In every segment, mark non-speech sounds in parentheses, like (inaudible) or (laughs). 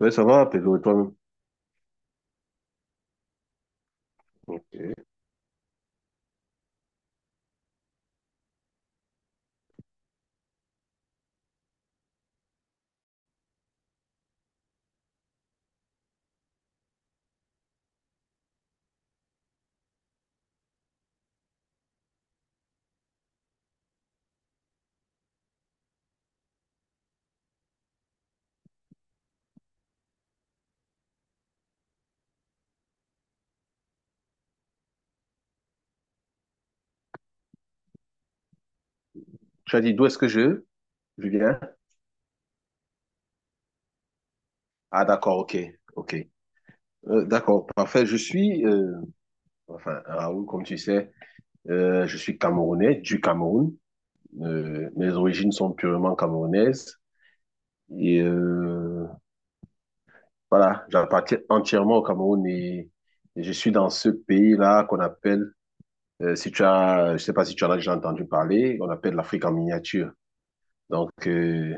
Oui, ça va, Pedro, et toi-même? Ok. Tu as dit d'où est-ce que je viens? Ah, d'accord, ok, ok. D'accord, parfait. Je suis, enfin, Raoul, comme tu sais, je suis Camerounais, du Cameroun. Mes origines sont purement camerounaises. Et voilà, j'appartiens entièrement au Cameroun et je suis dans ce pays-là qu'on appelle, si tu as, je sais pas si tu en as déjà entendu parler, on appelle l'Afrique en miniature. Donc,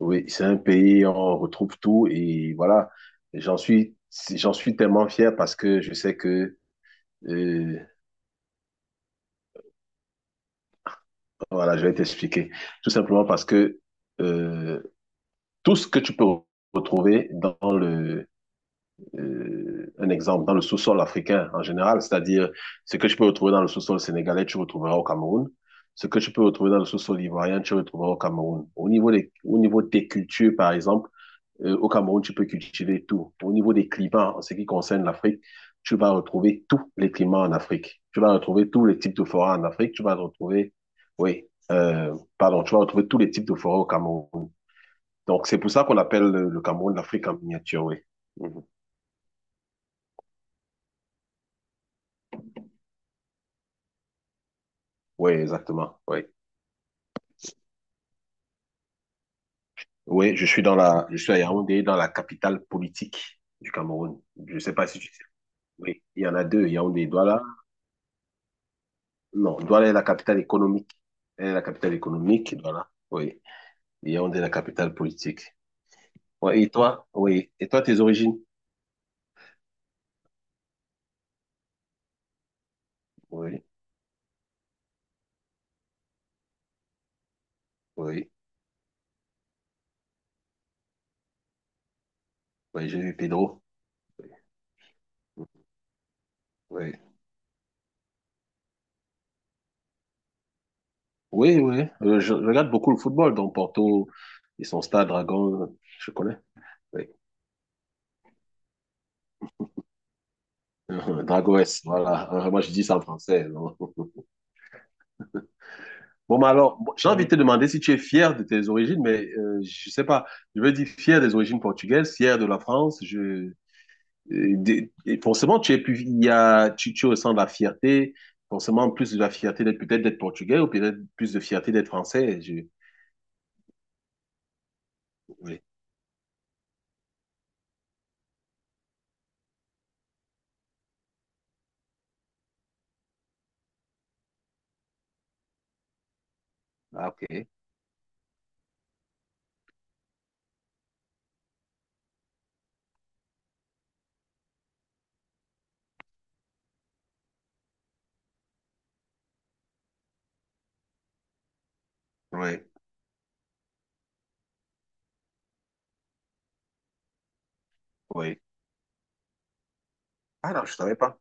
oui, c'est un pays, on retrouve tout et voilà, j'en suis, j'en suis tellement fier parce que je sais que, euh, voilà, je vais t'expliquer. Tout simplement parce que euh, tout ce que tu peux retrouver un exemple, dans le sous-sol africain en général, c'est-à-dire ce que tu peux retrouver dans le sous-sol sénégalais, tu retrouveras au Cameroun. Ce que tu peux retrouver dans le sous-sol ivoirien, tu retrouveras au Cameroun. Au niveau des cultures, par exemple, au Cameroun, tu peux cultiver tout. Au niveau des climats, en ce qui concerne l'Afrique, tu vas retrouver tous les climats en Afrique. Tu vas retrouver tous les types de forêts en Afrique. Oui, pardon, tu vas retrouver tous les types de forêts au Cameroun. Donc, c'est pour ça qu'on appelle le Cameroun l'Afrique en miniature, oui. Mhm. Oui, exactement. Oui. Oui, je suis à Yaoundé, dans la capitale politique du Cameroun. Je sais pas si tu sais. Oui, il y en a deux, Yaoundé et Douala. Non, Douala est la capitale économique. Elle est la capitale économique, Douala. Oui. Yaoundé, est la capitale politique. Ouais, et toi? Oui. Et toi, tes origines? Oui, oui. Oui, j'ai vu Pedro. Oui. Oui, oui. Je regarde beaucoup le football, donc Porto et son stade Dragon, je connais. Oui. (laughs) Dragos, voilà. Moi, je dis ça en français. Non. Bon, mais alors, bon, j'ai envie de te demander si tu es fier de tes origines, mais je sais pas. Je veux dire fier des origines portugaises, fier de la France. Je et forcément, tu es plus, il y a, tu ressens de la fierté, forcément plus de la fierté d'être peut-être d'être portugais ou peut-être plus de fierté d'être français. Je, oui. Ah, ok. Oui, oui. Ah non, je savais pas.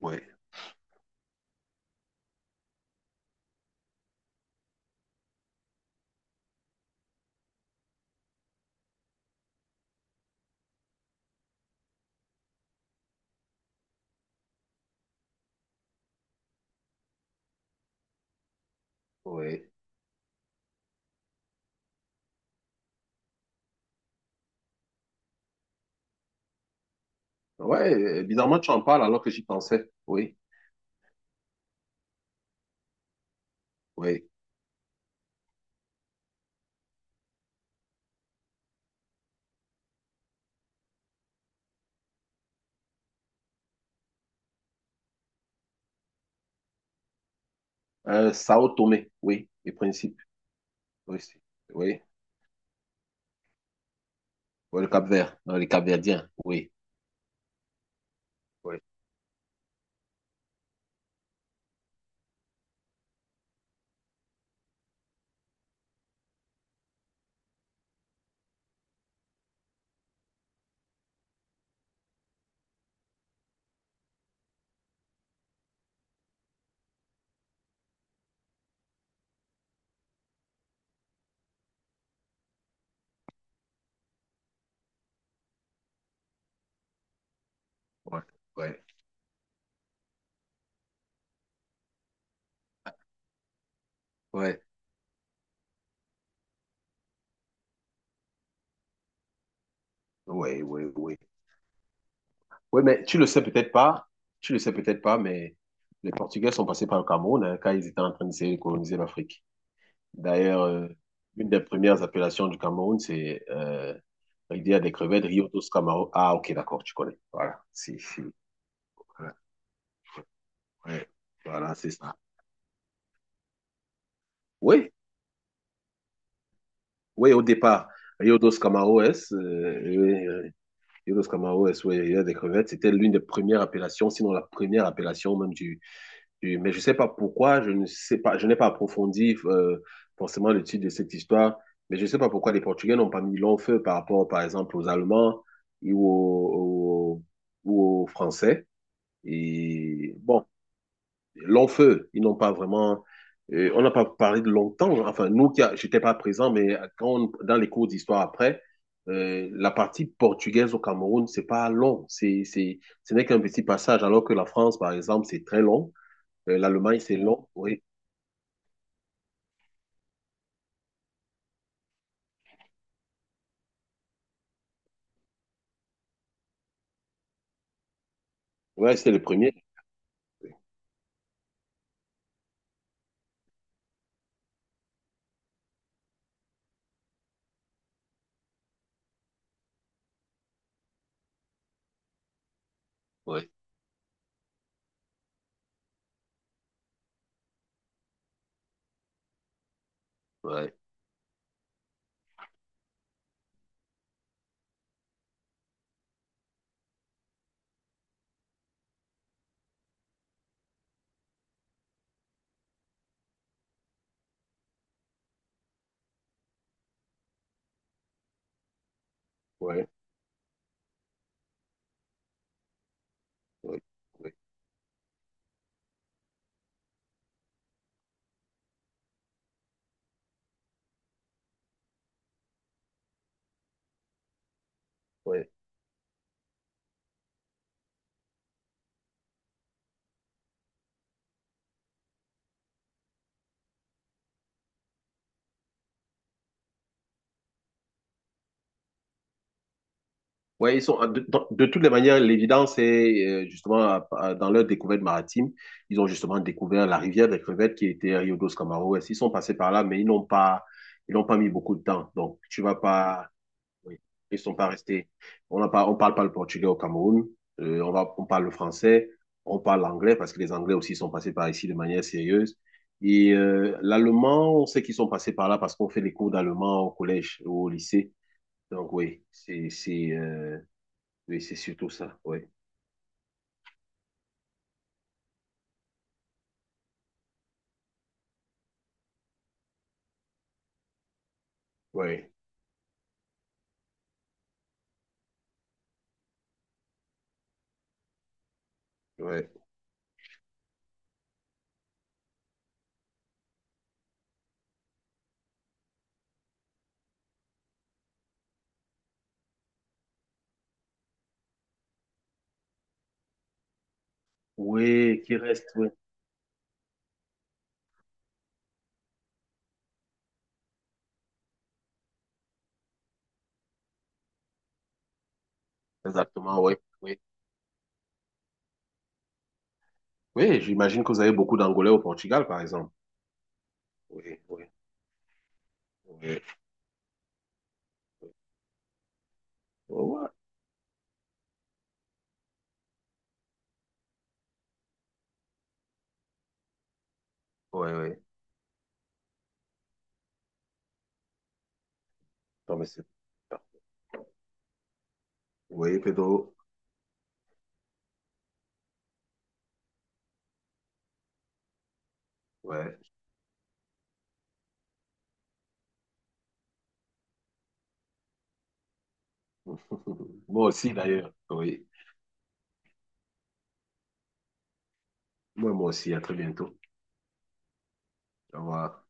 Oui, oui. Ouais, bizarrement, tu en parles alors que j'y pensais. Oui, oui. Sao Tomé, oui, les principes. Oui, c'est- oui. Ouais, le Cap-Vert, non les Cap-Verdiens. Oui, oui, oui, oui, oui, ouais, ouais, ouais. Oui, oui, oui. Oui, mais tu le sais peut-être pas, tu le sais peut-être pas, mais les Portugais sont passés par le Cameroun hein, quand ils étaient en train d'essayer de coloniser l'Afrique. D'ailleurs, une des premières appellations du Cameroun, c'est Rivière des crevettes, Rio dos Camaro. Ah, ok, d'accord, tu connais. Voilà, si. Voilà, ouais, voilà, c'est ça. Oui, oui, au départ, Rio dos Camaroes, Rio dos Camaroes, oui, Rivière des crevettes, c'était l'une des premières appellations, sinon la première appellation même du, Et- mais je ne sais pas pourquoi, je ne sais pas, je n'ai pas approfondi forcément le titre de cette histoire, mais je ne sais pas pourquoi les Portugais n'ont pas mis long feu par rapport, par exemple, aux Allemands ou ou aux Français. Et bon, long feu, ils n'ont pas vraiment. On n'a pas parlé de longtemps. Enfin, nous, qui a- j'étais pas présent, mais quand on- dans les cours d'histoire après, la partie portugaise au Cameroun, c'est pas long. Ce n'est qu'un petit passage, alors que la France, par exemple, c'est très long. L'Allemagne, c'est long, oui. Ouais, c'est le premier. Ouais, ouais, ouais, ouais, ouais. Ouais, ouais, ils sont, de, dans- de toutes les manières, l'évidence est justement à- dans leur découverte maritime, ils ont justement découvert la rivière des crevettes qui était Rio dos Camaroes. Ils sont passés par là, mais ils n'ont pas mis beaucoup de temps. Donc, tu vas pas, oui. Ils sont pas restés. On n'a pas, on parle pas le portugais au Cameroun. On parle le français. On parle l'anglais parce que les Anglais aussi sont passés par ici de manière sérieuse. Et l'allemand, on sait qu'ils sont passés par là parce qu'on fait des cours d'allemand au collège ou au lycée. Donc oui, oui, c'est surtout ça. Oui, oui, oui. Oui, qui reste, oui. Exactement, oui, oui. Oui, j'imagine que vous avez beaucoup d'Angolais au Portugal, par exemple. Oui, oui, oui. Oui, oui. Ouais, ouais, ouais. Non, mais c'est Oui, Pedro. Ouais. (laughs) Moi aussi, d'ailleurs. Oui. Moi, moi aussi. À très bientôt. Au revoir.